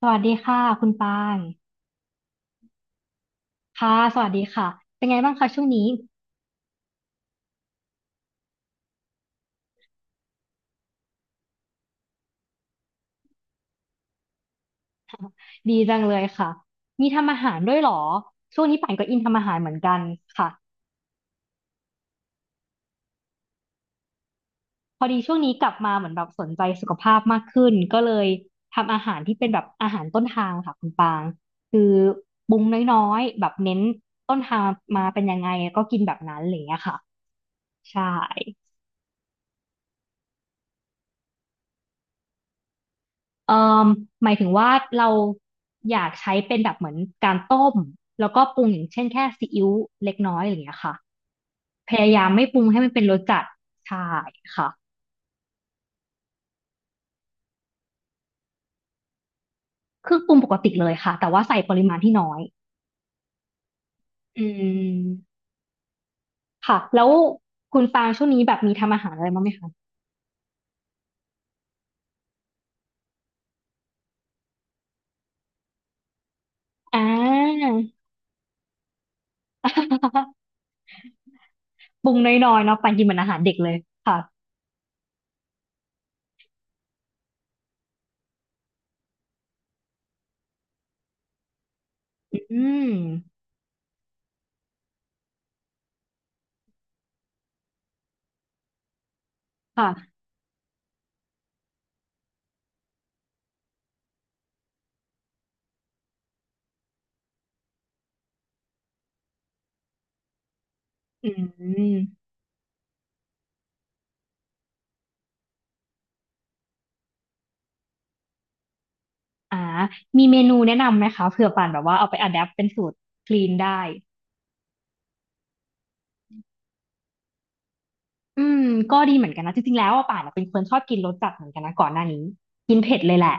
สวัสดีค่ะคุณปางค่ะสวัสดีค่ะเป็นไงบ้างคะช่วงนี้ดีจังเลยค่ะมีทำอาหารด้วยเหรอช่วงนี้ป่านก็อินทำอาหารเหมือนกันค่ะพอดีช่วงนี้กลับมาเหมือนแบบสนใจสุขภาพมากขึ้นก็เลยทำอาหารที่เป็นแบบอาหารต้นทางค่ะคุณปางคือปรุงน้อยๆแบบเน้นต้นทางมาเป็นยังไงก็กินแบบนั้นอะไรอย่างเงี้ยค่ะใช่ เอ่อหมายถึงว่าเราอยากใช้เป็นแบบเหมือนการต้มแล้วก็ปรุงอย่างเช่นแค่ซีอิ๊วเล็กน้อยอะไรอย่างเงี้ยค่ะพยายามไม่ปรุงให้มันเป็นรสจัดใช่ค่ะเครื่องปรุงปกติเลยค่ะแต่ว่าใส่ปริมาณที่น้อยอืมค่ะแล้วคุณปางช่วงนี้แบบมีทำอาหารอะไรบ้างไหมคะอ่า ปรุงน้อยๆเนาะปางกินเหมือนอาหารเด็กเลยค่ะอืมค่ะอืม อ่ามีเมนูแนะนำไหมคะเผื่อป่านแบบว่าเอาไปอะแดปเป็นสูตรคลีนได้ อืม ก็ดีเหมือนกันนะจริงๆแล้วอะป่านอะเป็นคนชอบกินรสจัดเหมือนกันนะก่อนหน้านี้กินเผ็ดเลยแหละ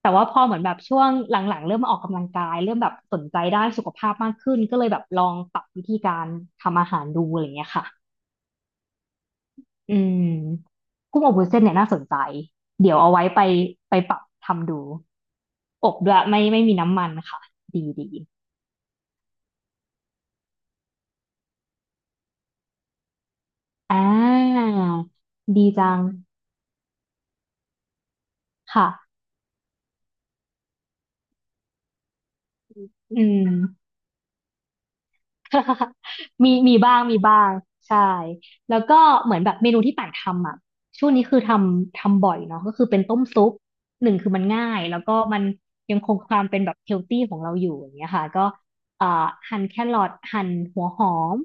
แต่ว่าพอเหมือนแบบช่วงหลังๆเริ่มมาออกกำลังกายเริ่มแบบสนใจด้านสุขภาพมากขึ้นก็เลยแบบลองปรับวิธีการทำอาหารดูอะไรอย่างเงี้ยค่ะอืมกุ้งอบวุ้นเส้นเนี่ยน่าสนใจเดี๋ยวเอาไว้ไปไปปรับทำดูอบด้วยไม่มีน้ำมันค่ะดีดีอ่าดีจัง ค่ะอืม มีมีบ้างมีบ้างใช่ แล้วก็เหมือนแบบเมนูที่ป่านทำอ่ะช่วงนี้คือทำบ่อยเนาะก็คือเป็นต้มซุปหนึ่งคือมันง่ายแล้วก็มันยังคงความเป็นแบบเฮลตี้ของเราอยู่อย่างเงี้ยค่ะก็เอ่อหั่นแครอทหั่นหัวหอม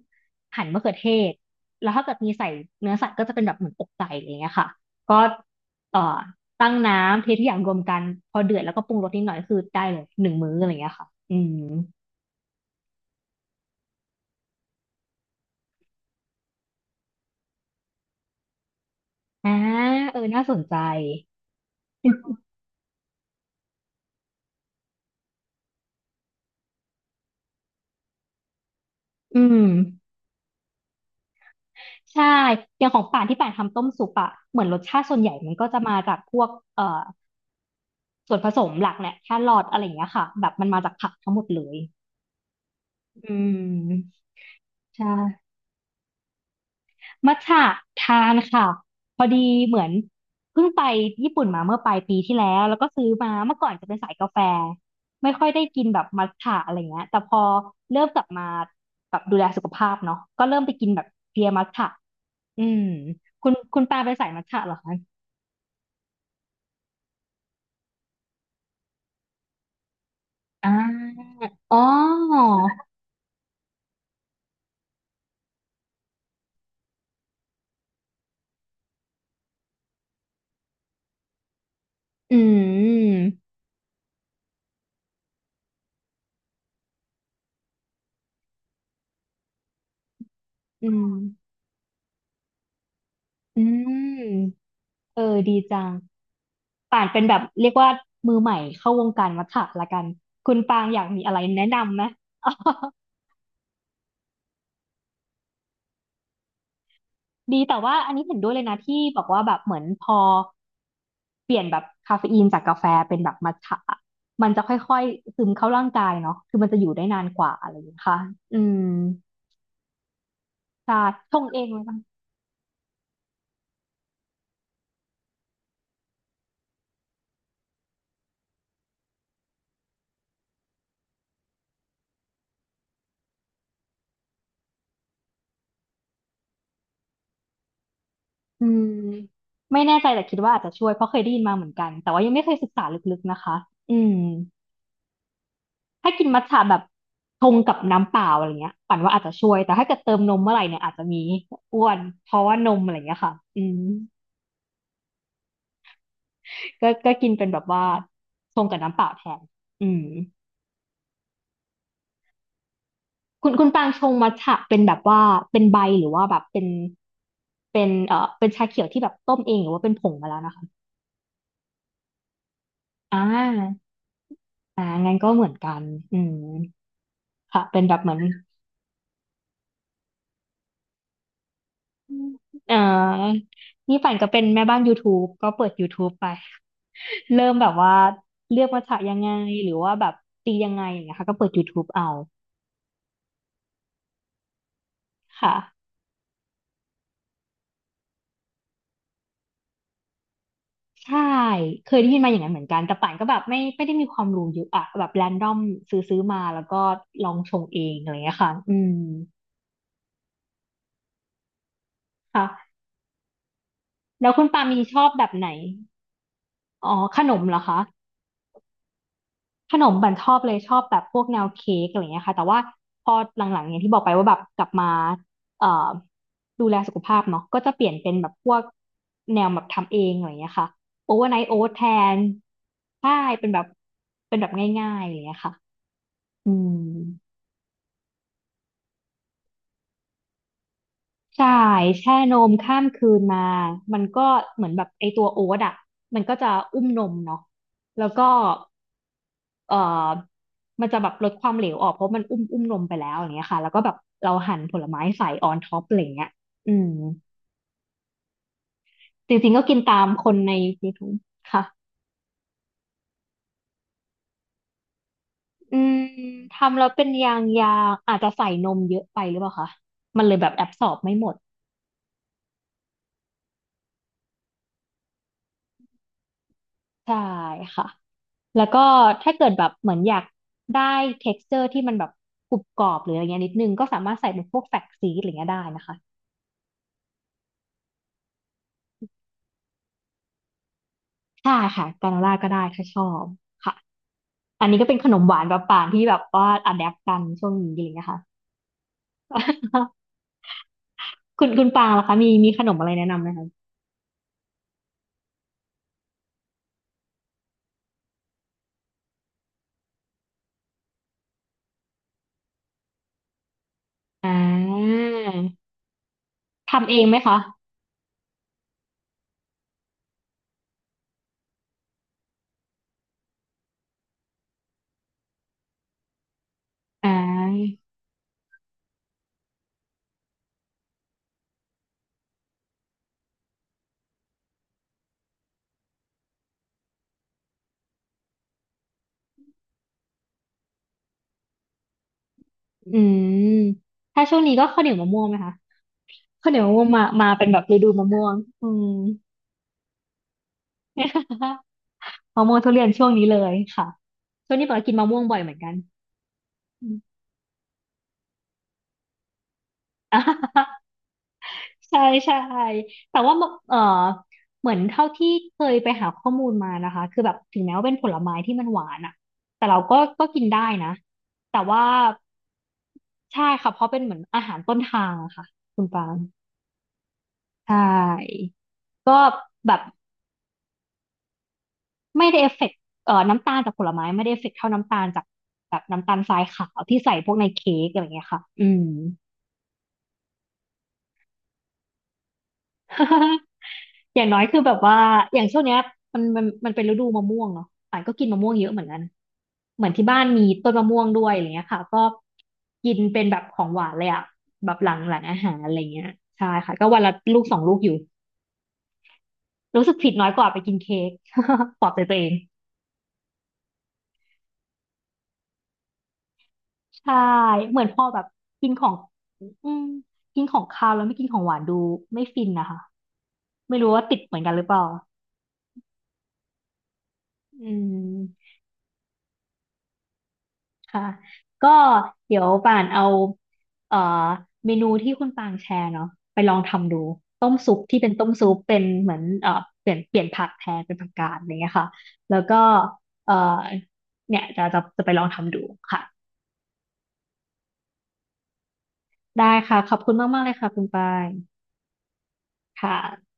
หั่นมะเขือเทศแล้วถ้าเกิดมีใส่เนื้อสัตว์ก็จะเป็นแบบเหมือนอกไก่อย่างเงี้ยค่ะก็เอ่อตั้งน้ำเททุกอย่างรวมกันพอเดือดแล้วก็ปรุงรสนิดหน่อยคือได้เลยหนึ่งมื้ออะไรเงี้ยค่ะอืม อ่าเออน่าสนใจอืมใช่อย่างของป่านที่ป่านทำต้มซุปอะเหมือนรสชาติส่วนใหญ่มันก็จะมาจากพวกเอ่อส่วนผสมหลักแหละแครอทอะไรอย่างเงี้ยค่ะแบบมันมาจากผักทั้งหมดเลยอืมใช่ มัทฉะทานค่ะพอดีเหมือนเพิ่งไปญี่ปุ่นมาเมื่อปลายปีที่แล้วแล้วก็ซื้อมาเมื่อก่อนจะเป็นสายกาแฟไม่ค่อยได้กินแบบมัทฉะอะไรเงี้ยแต่พอเริ่มกลับมาแบบดูแลสุขภาพเนาะก็เริ่มไปกินแบบเพลียมัทฉะอืมคุณปาเป็นสายมัทฉะเหรอคะอ่าอ๋ออืมอืมอืมเออดีจัง ป่านเป็นแบบเรียกว่ามือใหม่เข้าวงการวัฏฏะละกันคุณปางอยากมีอะไรแนะนำไหม ดีแต่ว่าอันนี้เห็นด้วยเลยนะที่บอกว่าแบบเหมือนพอเปลี่ยนแบบคาเฟอีนจากกาแฟเป็นแบบมัทฉะอะมันจะค่อยๆซึมเข้าร่างกายเนาะคือมันจะอยู่ได้นานกว่าอะไรอย่างเงี้ยค่ะอืมใช่ชงเองเลยค่ะอืมไม่แน่ใจแต่คิดว่าอาจจะช่วยเพราะเคยได้ยินมาเหมือนกันแต่ว่ายังไม่เคยศึกษาลึกๆนะคะอืม ถ้ากินมัทฉะแบบชงกับน้ำเปล่าอะไรเงี้ยปั่นว่าอาจจะช่วยแต่ถ้าเกิดเติมนมเมื่อไหร่เนี่ยอาจจะมีอ้วนเพราะว่านมอะไรเงี้ยค่ะอืมก็ก็กินเป็นแบบว่าชงกับน้ำเปล่าแทนอืมคุณปางชงมัทฉะเป็นแบบว่าเป็นใบหรือว่าแบบเป็นเป็นเป็นชาเขียวที่แบบต้มเองหรือว่าเป็นผงมาแล้วนะคะอ่าอ่างั้นก็เหมือนกันอืมค่ะเป็นแบบเหมือนเอ่อนี่ปั่นก็เป็นแม่บ้าน YouTube ก็เปิด YouTube ไป เริ่มแบบว่าเลือกภาษายังไงหรือว่าแบบตียังไงอย่างเงี้ยค่ะก็เปิด YouTube เอาค่ะใช่เคยได้ยินมาอย่างนั้นเหมือนกันแต่ป่านก็แบบไม่ไม่ได้มีความรู้เยอะอะแบบแรนดอมซื้อมาแล้วก็ลองชงเองอะไรอย่างเงี้ยค่ะอืมค่ะแล้วคุณปามีชอบแบบไหนอ๋อขนมเหรอคะ ขนมบั่นชอบเลยชอบแบบพวกแนวเค้กอะไรเงี้ยค่ะแต่ว่าพอหลังๆอย่างที่บอกไปว่าแบบกลับมาเอ่อดูแลสุขภาพเนาะก็จะเปลี่ยนเป็นแบบพวกแนวแบบทำเองอะไรเงี้ยค่ะโอเวอร์ไนท์โอ๊ตแทนใช่เป็นแบบเป็นแบบง่ายๆอะไรเงี้ยค่ะอืมใช่แช่นมข้ามคืนมามันก็เหมือนแบบไอตัวโอ๊ตอ่ะมันก็จะอุ้มนมเนาะแล้วก็ เอ่อมันจะแบบลดความเหลวออกเพราะมันอุ้มนมไปแล้วอย่างเงี้ยค่ะแล้วก็แบบเราหั่นผลไม้ใส่ออนท็อปอะไรเงี้ยอืมจริงๆก็กินตามคนใน YouTube ค่ะอืมทำแล้วเป็นยางยางอาจจะใส่นมเยอะไปหรือเปล่าคะมันเลยแบบแอบสอบไม่หมดใช่ค่ะแล้วก็ถ้าเกิดแบบเหมือนอยากได้ texture ที่มันแบบกรุบกรอบหรืออะไรเงี้ยนิดนึงก็สามารถใส่เป็นพวกแฟกซีดอะไรเงี้ยได้นะคะใช่ค่ะกราโนล่าก็ได้ถ้าชอบค่ะ อันนี้ก็เป็นขนมหวานแบบป่างที่แบบว่าอะแดปกันช่วงนี้อะไรอย่างเงี้ยค่ะ คุณปางล่ะคะมีขนมอะไรแนะนำไหมคะอ่าทำเองไหมคะอ่าอืมถ้าช่วงนี้ก็ข้าวเหนียวมะม่วงไหมคะข้าวเหนียวมะม่วงมาเป็นแบบฤดูมะม่วงอืม มะม่วงทุเรียนช่วงนี้เลยค่ะช่วงนี้ปางกติกินมะม่วงบ่อยเหมือนกันอืม ใช่ใช่แต่ว่าเออเหมือนเท่าที่เคยไปหาข้อมูลมานะคะคือแบบถึงแม้ว่าเป็นผลไม้ที่มันหวานอ่ะแต่เราก็กินได้นะแต่ว่าใช่ค่ะเพราะเป็นเหมือนอาหารต้นทางอะค่ะคุณปางใช่ก็แบบไม่ได้เอฟเฟกต์น้ำตาลจากผลไม้ไม่ได้เอฟเฟกต์เท่าน้ำตาลจากแบบน้ำตาลทรายขาวที่ใส่พวกในเค้กอะไรอย่างเงี้ยค่ะอืม อย่างน้อยคือแบบว่าอย่างช่วงเนี้ยมันเป็นฤดูมะม่วงเนาะป่านก็กินมะม่วงเยอะเหมือนกันเหมือนที่บ้านมีต้นมะม่วงด้วยอะไรเงี้ยค่ะก็กินเป็นแบบของหวานเลยอะแบบหลังอาหารอะไรเงี้ยใช่ค่ะก็วันละลูกสองลูกอยู่รู้สึกผิดน้อยกว่าไปกินเค้ก ปลอบใจตัวเองใช่เหมือนพอแบบกินของอืมกินของคาวแล้วไม่กินของหวานดูไม่ฟินนะคะไม่รู้ว่าติดเหมือนกันหรือเปล่าอืม ค่ะ ก็เดี๋ยวป่านเอาเอ่อเมนูที่คุณปางแชร์เนาะไปลองทำดูต้มซุปที่เป็นต้มซุปเป็นเหมือนเปลี่ยนผักแทนเป็นผักกาดอะไรเงี้ยค่ะแล้วก็เอ่อเนี่ยจะไปลองทำดูค่ะได้ค่ะขอบคุณมากๆเลยค่ะคุณปางค่ะ